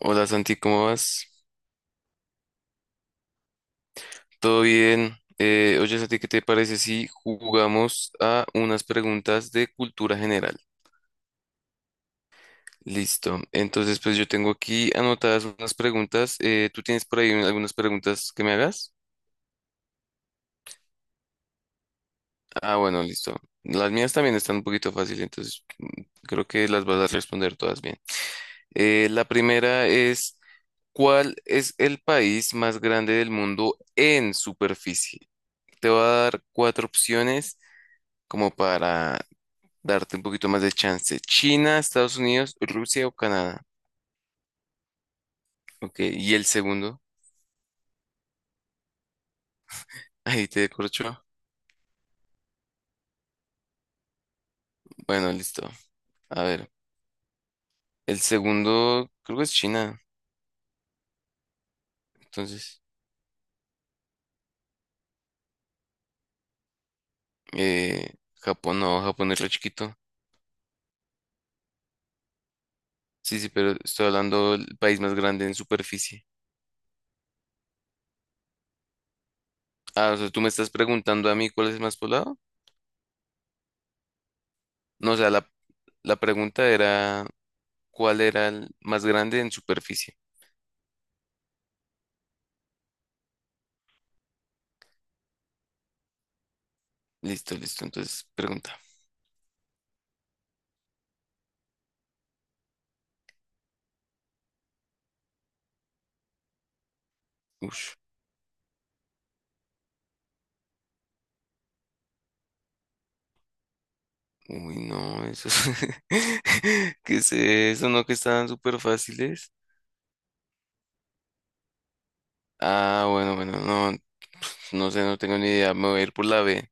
Hola Santi, ¿cómo vas? ¿Todo bien? Oye Santi, ¿qué te parece si jugamos a unas preguntas de cultura general? Listo. Entonces, pues yo tengo aquí anotadas unas preguntas. ¿Tú tienes por ahí algunas preguntas que me hagas? Ah, bueno, listo. Las mías también están un poquito fáciles, entonces creo que las vas a responder todas bien. La primera es, ¿cuál es el país más grande del mundo en superficie? Te voy a dar cuatro opciones como para darte un poquito más de chance. China, Estados Unidos, Rusia o Canadá. Ok, y el segundo, ahí te corcho. Bueno, listo. A ver, el segundo creo que es China. Entonces, eh, Japón no, Japón es re chiquito. Sí, sí, pero estoy hablando del país más grande en superficie. Ah, o sea, tú me estás preguntando a mí cuál es el más poblado. No, o sea, la pregunta era cuál era el más grande en superficie. Listo, listo. Entonces, pregunta. Uf. Uy, no, eso es... ¿Qué es eso? ¿No que estaban súper fáciles? Ah, bueno, bueno, no, no sé, no tengo ni idea. Me voy a ir por la B.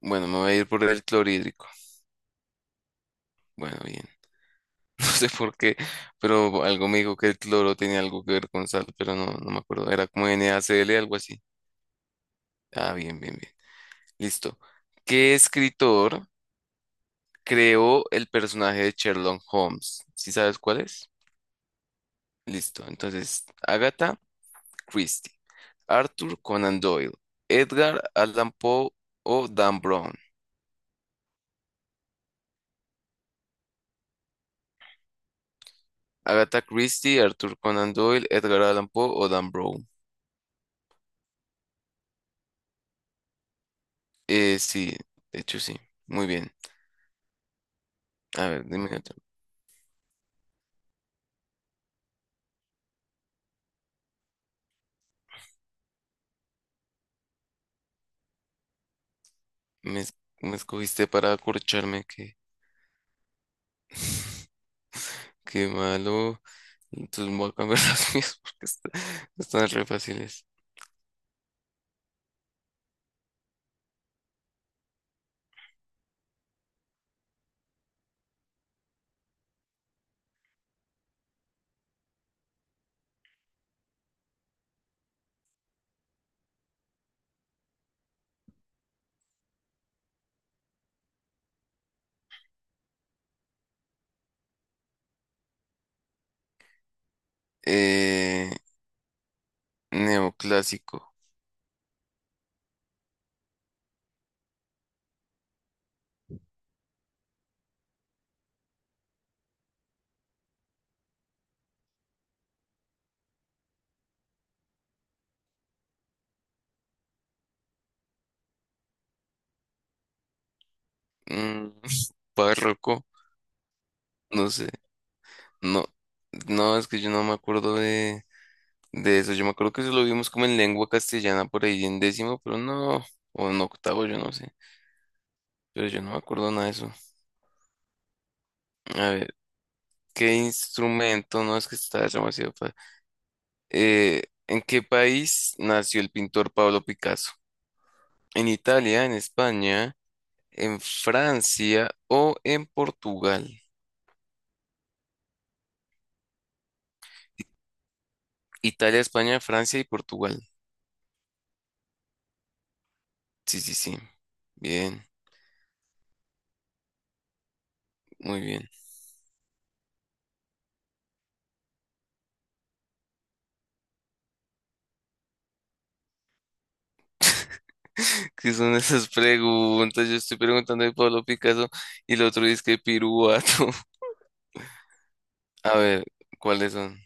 Bueno, me voy a ir por el clorhídrico. Bueno, bien. No sé por qué, pero algo me dijo que el cloro tenía algo que ver con sal, pero no, no me acuerdo. Era como NaCl, algo así. Ah, bien, bien, bien. Listo. ¿Qué escritor creó el personaje de Sherlock Holmes? ¿Sí sabes cuál es? Listo. Entonces, Agatha Christie. Arthur Conan Doyle, Edgar Allan Poe o Dan Brown. Agatha Christie, Arthur Conan Doyle, Edgar Allan Poe o Dan Brown. Sí, de hecho sí. Muy bien. A ver, dime otra. Me, es- me escogiste para acorcharme, qué malo. Entonces voy a cambiar las mías porque están re fáciles. Eh, neoclásico. Mm, párroco. No sé. No, no, es que yo no me acuerdo de eso. Yo me acuerdo que eso lo vimos como en lengua castellana por ahí en décimo, pero no, o en octavo, yo no sé. Pero yo no me acuerdo nada de eso. A ver, ¿qué instrumento? No, es que está demasiado fácil. ¿En qué país nació el pintor Pablo Picasso? ¿En Italia, en España, en Francia o en Portugal? Italia, España, Francia y Portugal. Sí, sí, sí. Bien, muy bien. ¿Qué son esas preguntas? Yo estoy preguntando de Pablo Picasso y el otro dice que piruato. A ver, ¿cuáles son?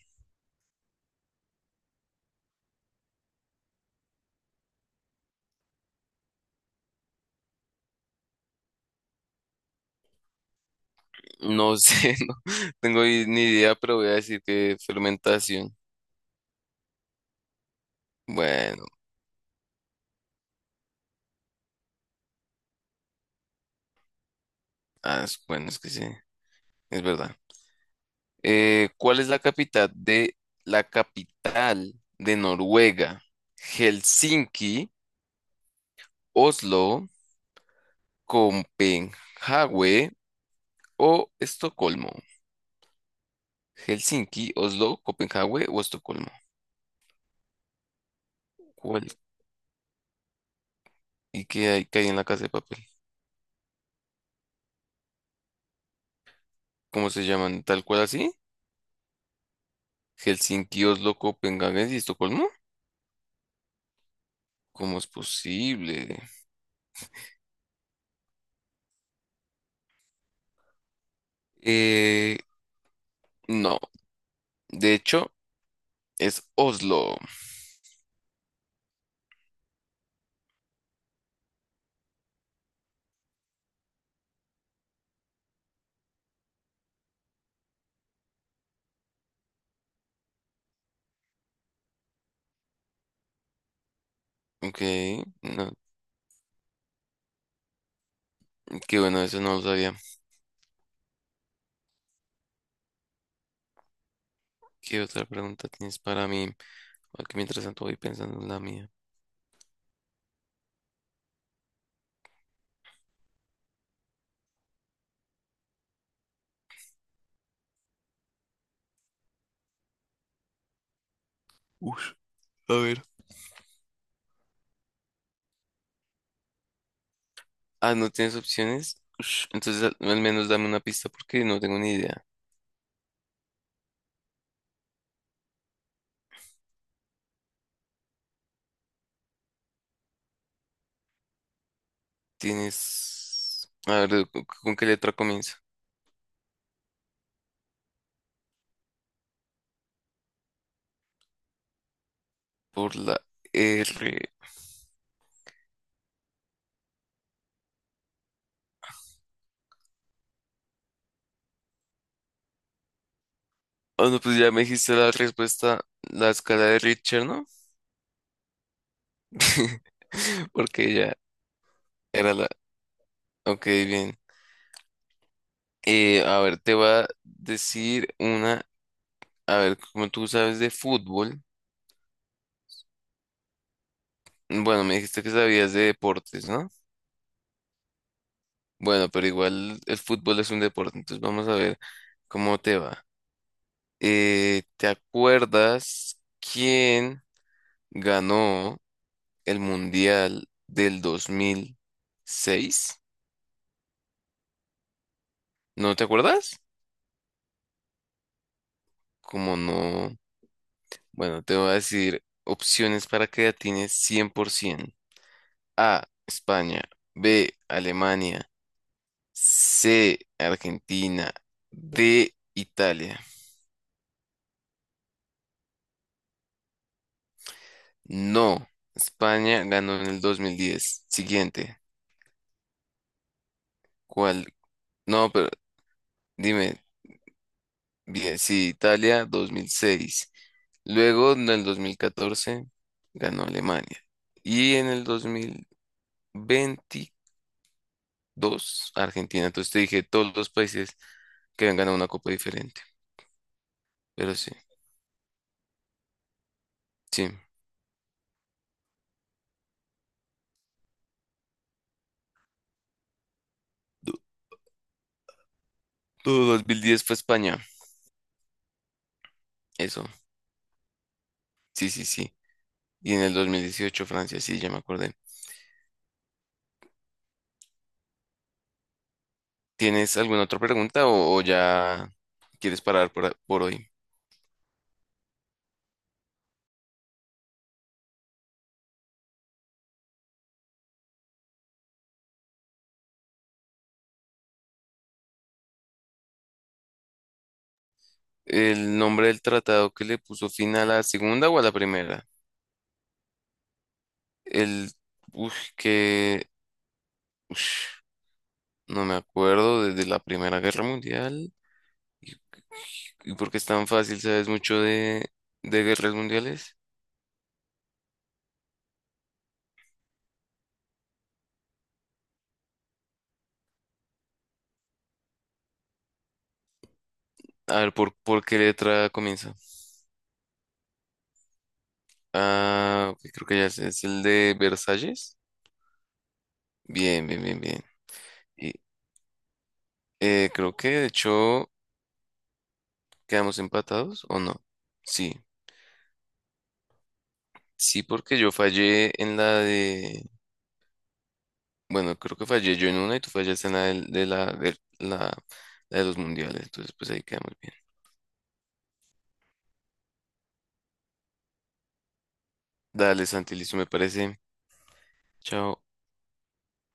No sé, no tengo ni idea, pero voy a decir que fermentación. Bueno, es que sí, es verdad. ¿Cuál es la capital de Noruega? Helsinki, Oslo, Copenhague o Estocolmo. Helsinki, Oslo, Copenhague o Estocolmo. ¿Cuál? ¿Y qué hay en la casa de papel? ¿Cómo se llaman? ¿Tal cual así? ¿Helsinki, Oslo, Copenhague y Estocolmo? ¿Cómo es posible? Eh, no, de hecho es Oslo. Ok, no, qué bueno, eso no lo sabía. ¿Qué otra pregunta tienes para mí? Aquí mientras tanto voy pensando en la mía. Ush, a ver. Ah, ¿no tienes opciones? Ush, entonces al menos dame una pista porque no tengo ni idea. Tienes... A ver, con qué letra comienza? Por la R. Ah, no, pues ya me dijiste la respuesta, la escala de Richter, ¿no? Porque ya era la... Ok, bien. A ver, te voy a decir una... A ver, como tú sabes de fútbol, bueno, me dijiste que sabías de deportes, ¿no? Bueno, pero igual el fútbol es un deporte, entonces vamos a ver cómo te va. ¿Te acuerdas quién ganó el Mundial del 2006? ¿No te acuerdas? Como no. Bueno, te voy a decir opciones para creatines 100%. A, España. B, Alemania. C, Argentina. D, Italia. No, España ganó en el 2010. Siguiente. ¿Cuál? No, pero dime. Bien, sí, Italia 2006. Luego, en el 2014 ganó Alemania. Y en el 2024 Dos, Argentina. Entonces te dije todos los países que habían ganado una copa diferente. Pero sí, sí. Du- 2010 fue España. Eso, sí, sí, sí. Y en el 2018 Francia, sí, ya me acordé. ¿Tienes alguna otra pregunta o ya quieres parar por hoy? ¿El nombre del tratado que le puso fin a la segunda o a la primera? El, uf, que, ush, no me acuerdo, desde la Primera Guerra Mundial. ¿Y, y por qué es tan fácil? ¿Sabes mucho de, guerras mundiales? A ver, por qué letra comienza? Ah, ok, creo que ya sé, es el de Versalles. Bien, bien, bien, bien. Y creo que de hecho quedamos empatados o no. Sí, sí, porque yo fallé en la de. Bueno, creo que fallé yo en una y tú fallaste en la la de los mundiales. Entonces, pues ahí quedamos bien. Dale, Santi, listo, me parece. Chao.